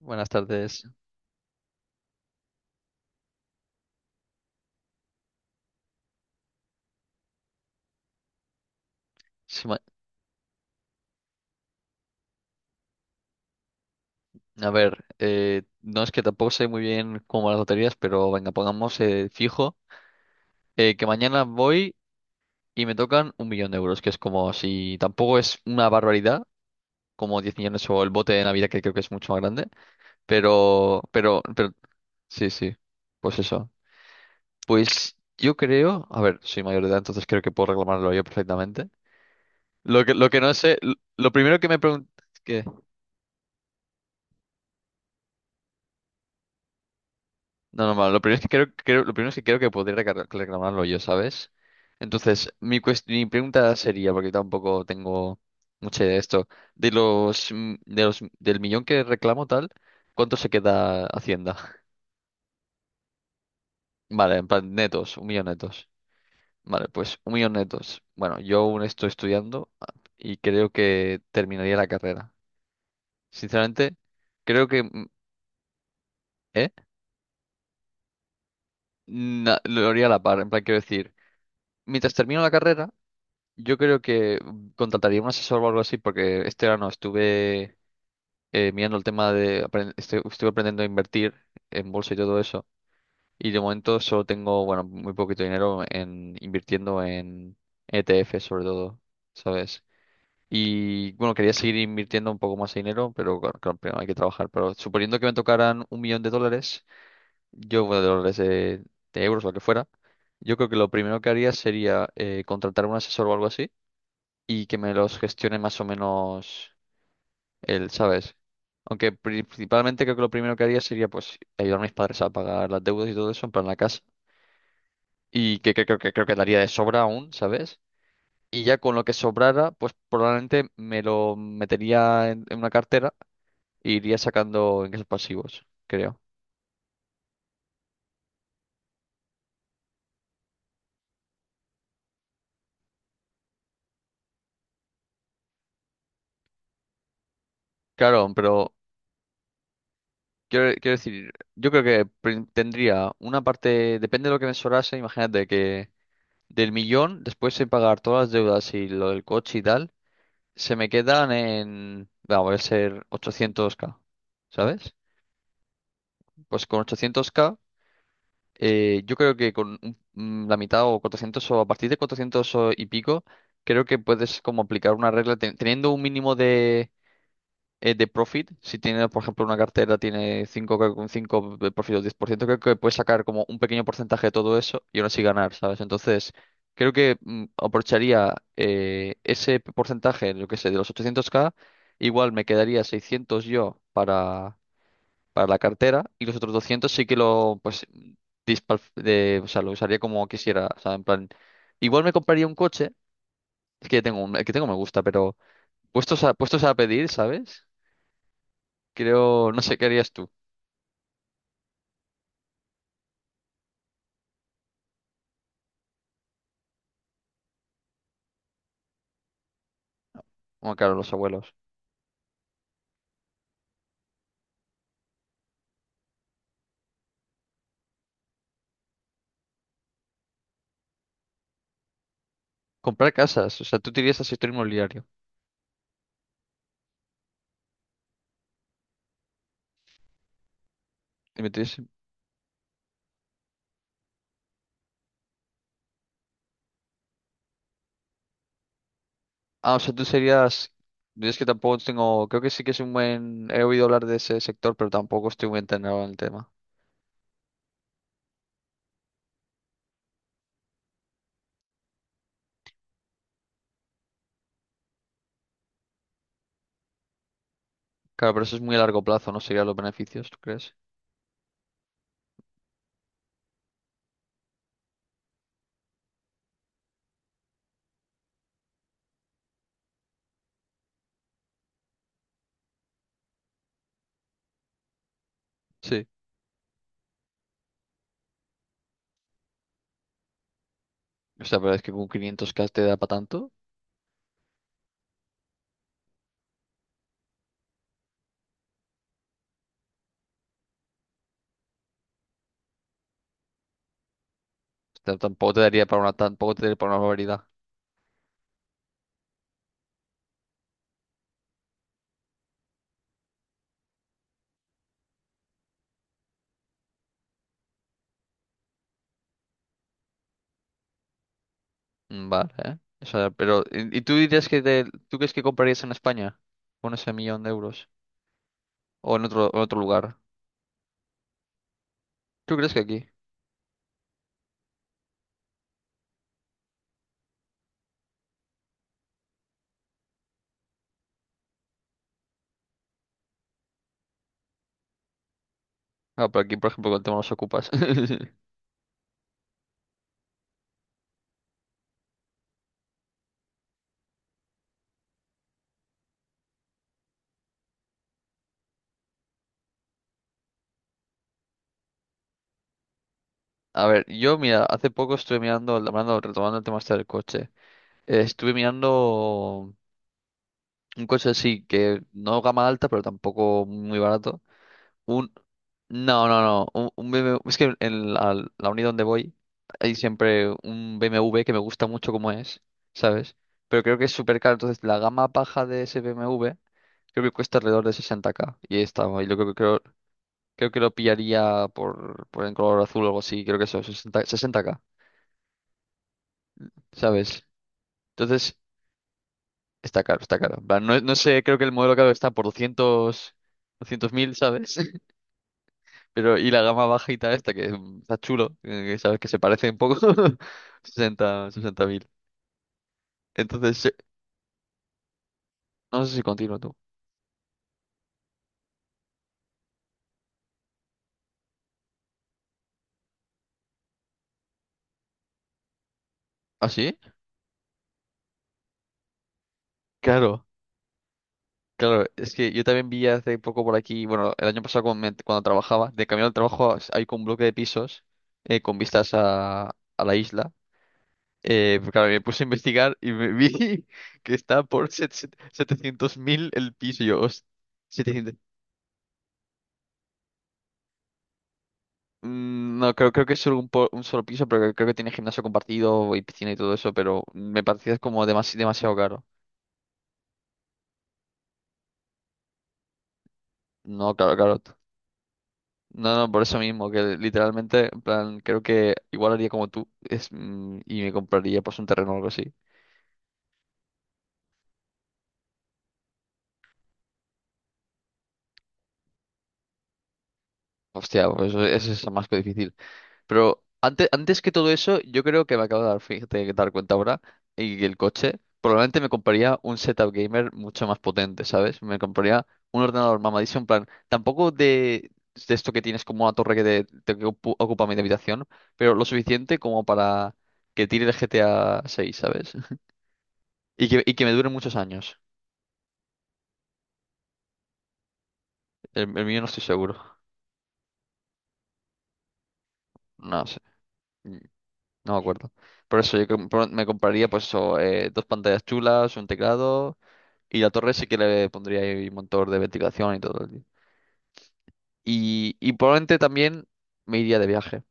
Buenas tardes. Sí, a ver, no es que tampoco sé muy bien cómo van las loterías, pero venga, pongamos fijo que mañana voy y me tocan un millón de euros, que es como si tampoco es una barbaridad, como 10 millones o el bote de Navidad, que creo que es mucho más grande, pero, sí, sí, pues eso. Pues yo creo, a ver, soy mayor de edad, entonces creo que puedo reclamarlo yo perfectamente. Lo que no sé, lo primero que me pregunté... No, no, vale, lo primero es que creo, lo primero es que creo que podría reclamarlo yo, ¿sabes? Entonces, mi pregunta sería, porque tampoco tengo mucha idea de esto, de los, mm, de los, del millón que reclamo tal, ¿cuánto se queda Hacienda? Vale, en plan, netos, un millón netos. Vale, pues un millón netos. Bueno, yo aún estoy estudiando y creo que terminaría la carrera. Sinceramente, creo que, ¿eh? Lo haría a la par, en plan, quiero decir, mientras termino la carrera. Yo creo que contrataría un asesor o algo así, porque este verano estuve mirando el tema de, estuve aprendiendo a invertir en bolsa y todo eso, y de momento solo tengo, bueno, muy poquito dinero en invirtiendo en ETF sobre todo, ¿sabes? Y bueno, quería seguir invirtiendo un poco más de dinero, pero claro, claro, primero hay que trabajar. Pero suponiendo que me tocaran un millón de dólares, yo, bueno, de dólares, de euros, lo que fuera, yo creo que lo primero que haría sería contratar un asesor o algo así y que me los gestione más o menos él, ¿sabes? Aunque principalmente creo que lo primero que haría sería pues ayudar a mis padres a pagar las deudas y todo eso, en plan la casa. Y que creo que, daría de sobra aún, ¿sabes? Y ya con lo que sobrara, pues probablemente me lo metería en una cartera e iría sacando ingresos pasivos, creo. Claro, pero quiero decir, yo creo que tendría una parte, depende de lo que me sobrase, imagínate que del millón, después de pagar todas las deudas y lo del coche y tal. Se me quedan en, vamos a ser 800K, ¿sabes? Pues con 800K, yo creo que con la mitad o 400 o a partir de 400 o y pico, creo que puedes como aplicar una regla teniendo un mínimo de profit, si tiene, por ejemplo, una cartera, tiene un 5 de profit o 10%, creo que puedes sacar como un pequeño porcentaje de todo eso y aún así ganar, ¿sabes? Entonces, creo que aprovecharía ese porcentaje, lo que sé, de los 800K igual me quedaría 600 yo para, la cartera y los otros 200 sí que lo, pues, o sea, lo usaría como quisiera, o sea, en plan, igual me compraría un coche, es que ya tengo un, el que tengo me gusta, pero puestos a pedir, ¿sabes? Creo, no sé, ¿qué harías tú? Bueno, claro, los abuelos. Comprar casas, o sea, tú te irías al sector inmobiliario. Te meterías en- Ah, o sea, tú serías... Yo, es que tampoco tengo... Creo que sí que es un buen... He oído hablar de ese sector, pero tampoco estoy muy enterado en el tema. Claro, pero eso es muy a largo plazo, ¿no? Serían los beneficios, ¿tú crees? Sí. O sea, pero es que con 500K te da para tanto. O sea, tampoco te daría para una... Tampoco te daría para una barbaridad. Mm, vale, ¿eh? O sea, pero... ¿Y tú dirías que... ¿Tú crees que comprarías en España? Con ese millón de euros. O en otro, lugar. ¿Tú crees que aquí? Ah, pero aquí, por ejemplo, con el tema de los ocupas. A ver, yo, mira, hace poco estuve mirando, hablando, retomando el tema este del coche. Estuve mirando un coche así, que no gama alta, pero tampoco muy barato. Un... No, no, no. Un BMW... Es que en la unidad donde voy hay siempre un BMW que me gusta mucho como es, ¿sabes? Pero creo que es súper caro. Entonces, la gama baja de ese BMW creo que cuesta alrededor de 60K. Y ahí está, y lo que creo, creo que lo pillaría por en color azul o algo así, creo que eso, 60, 60K, ¿sabes? Entonces, está caro, está caro. En plan, no, no sé, creo que el modelo caro está por 200, 200 mil, ¿sabes? Pero, y la gama bajita esta, que está chulo, que sabes que se parece un poco, 60, 60 mil. Entonces, no sé si continúo tú. ¿Ah, sí? Claro. Claro, es que yo también vi hace poco por aquí, bueno, el año pasado cuando trabajaba, de camino al trabajo hay con un bloque de pisos con vistas a la isla. Pues claro, me puse a investigar y me vi que está por 700 mil el piso. Y yo, "Host- 700". Mm, no, creo, que es solo un, un solo piso, pero creo que tiene gimnasio compartido y piscina y todo eso, pero me parecía como demasiado caro. No, claro, claro. No, no, por eso mismo, que literalmente, en plan, creo que igual haría como tú es, y me compraría pues un terreno o algo así. Hostia, pues eso es más que difícil. Pero antes que todo eso, yo creo que me acabo de dar, fíjate, de dar cuenta ahora, y el coche, probablemente me compraría un setup gamer mucho más potente, ¿sabes? Me compraría un ordenador mamadísimo, en plan, tampoco de esto que tienes como una torre que, te que ocu- ocupa mi habitación, pero lo suficiente como para que tire el GTA 6, ¿sabes? Y que me dure muchos años. El mío no estoy seguro. No sé. Mm, no me acuerdo. Por eso yo me compraría, pues eso, dos pantallas chulas, un teclado. Y la torre sí que le pondría ahí un motor de ventilación y todo, tío. Probablemente también me iría de viaje.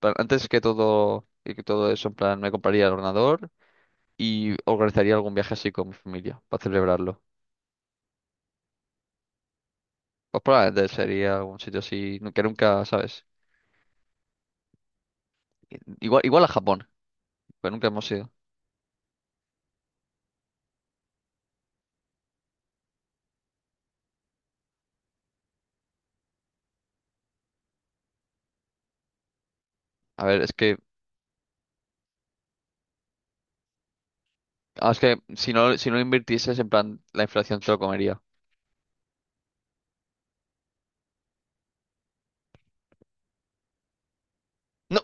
Pero antes que todo, eso, en plan, me compraría el ordenador y organizaría algún viaje así con mi familia para celebrarlo. Pues probablemente sería algún sitio así que nunca, ¿sabes? Igual a Japón, pero nunca hemos ido. A ver, es que si no, invirtieses, en plan, la inflación te lo comería. No,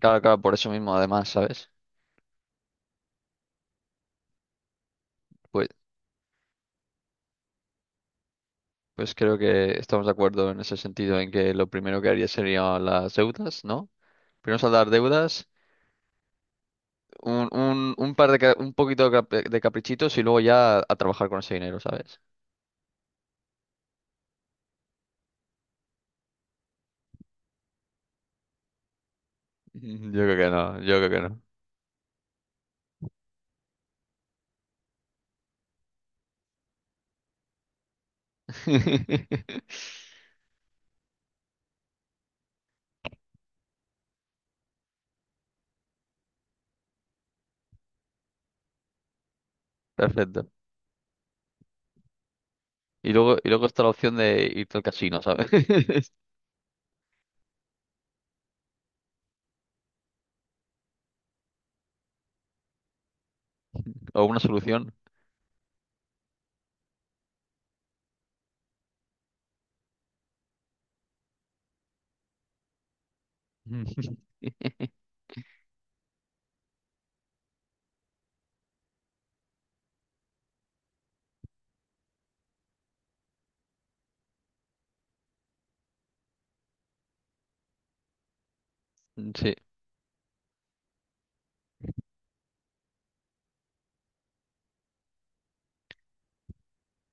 claro, claro, por eso mismo, además, ¿sabes? Pues, Pues creo que estamos de acuerdo en ese sentido, en que lo primero que haría serían las deudas, ¿no? Primero saldar deudas, un par de, un poquito de caprichitos y luego ya a trabajar con ese dinero, ¿sabes? Mm, yo creo que no, yo creo que no. Perfecto. Y luego, está la opción de irte al casino, ¿sabes? O una solución. Mm. Sí,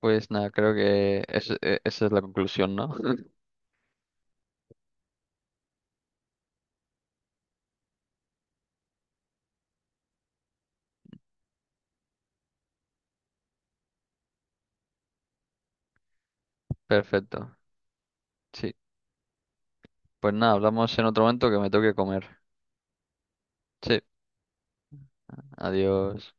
pues nada, creo que esa es la conclusión, ¿no? Perfecto. Sí. Pues nada, hablamos en otro momento que me toque comer. Sí. Adiós.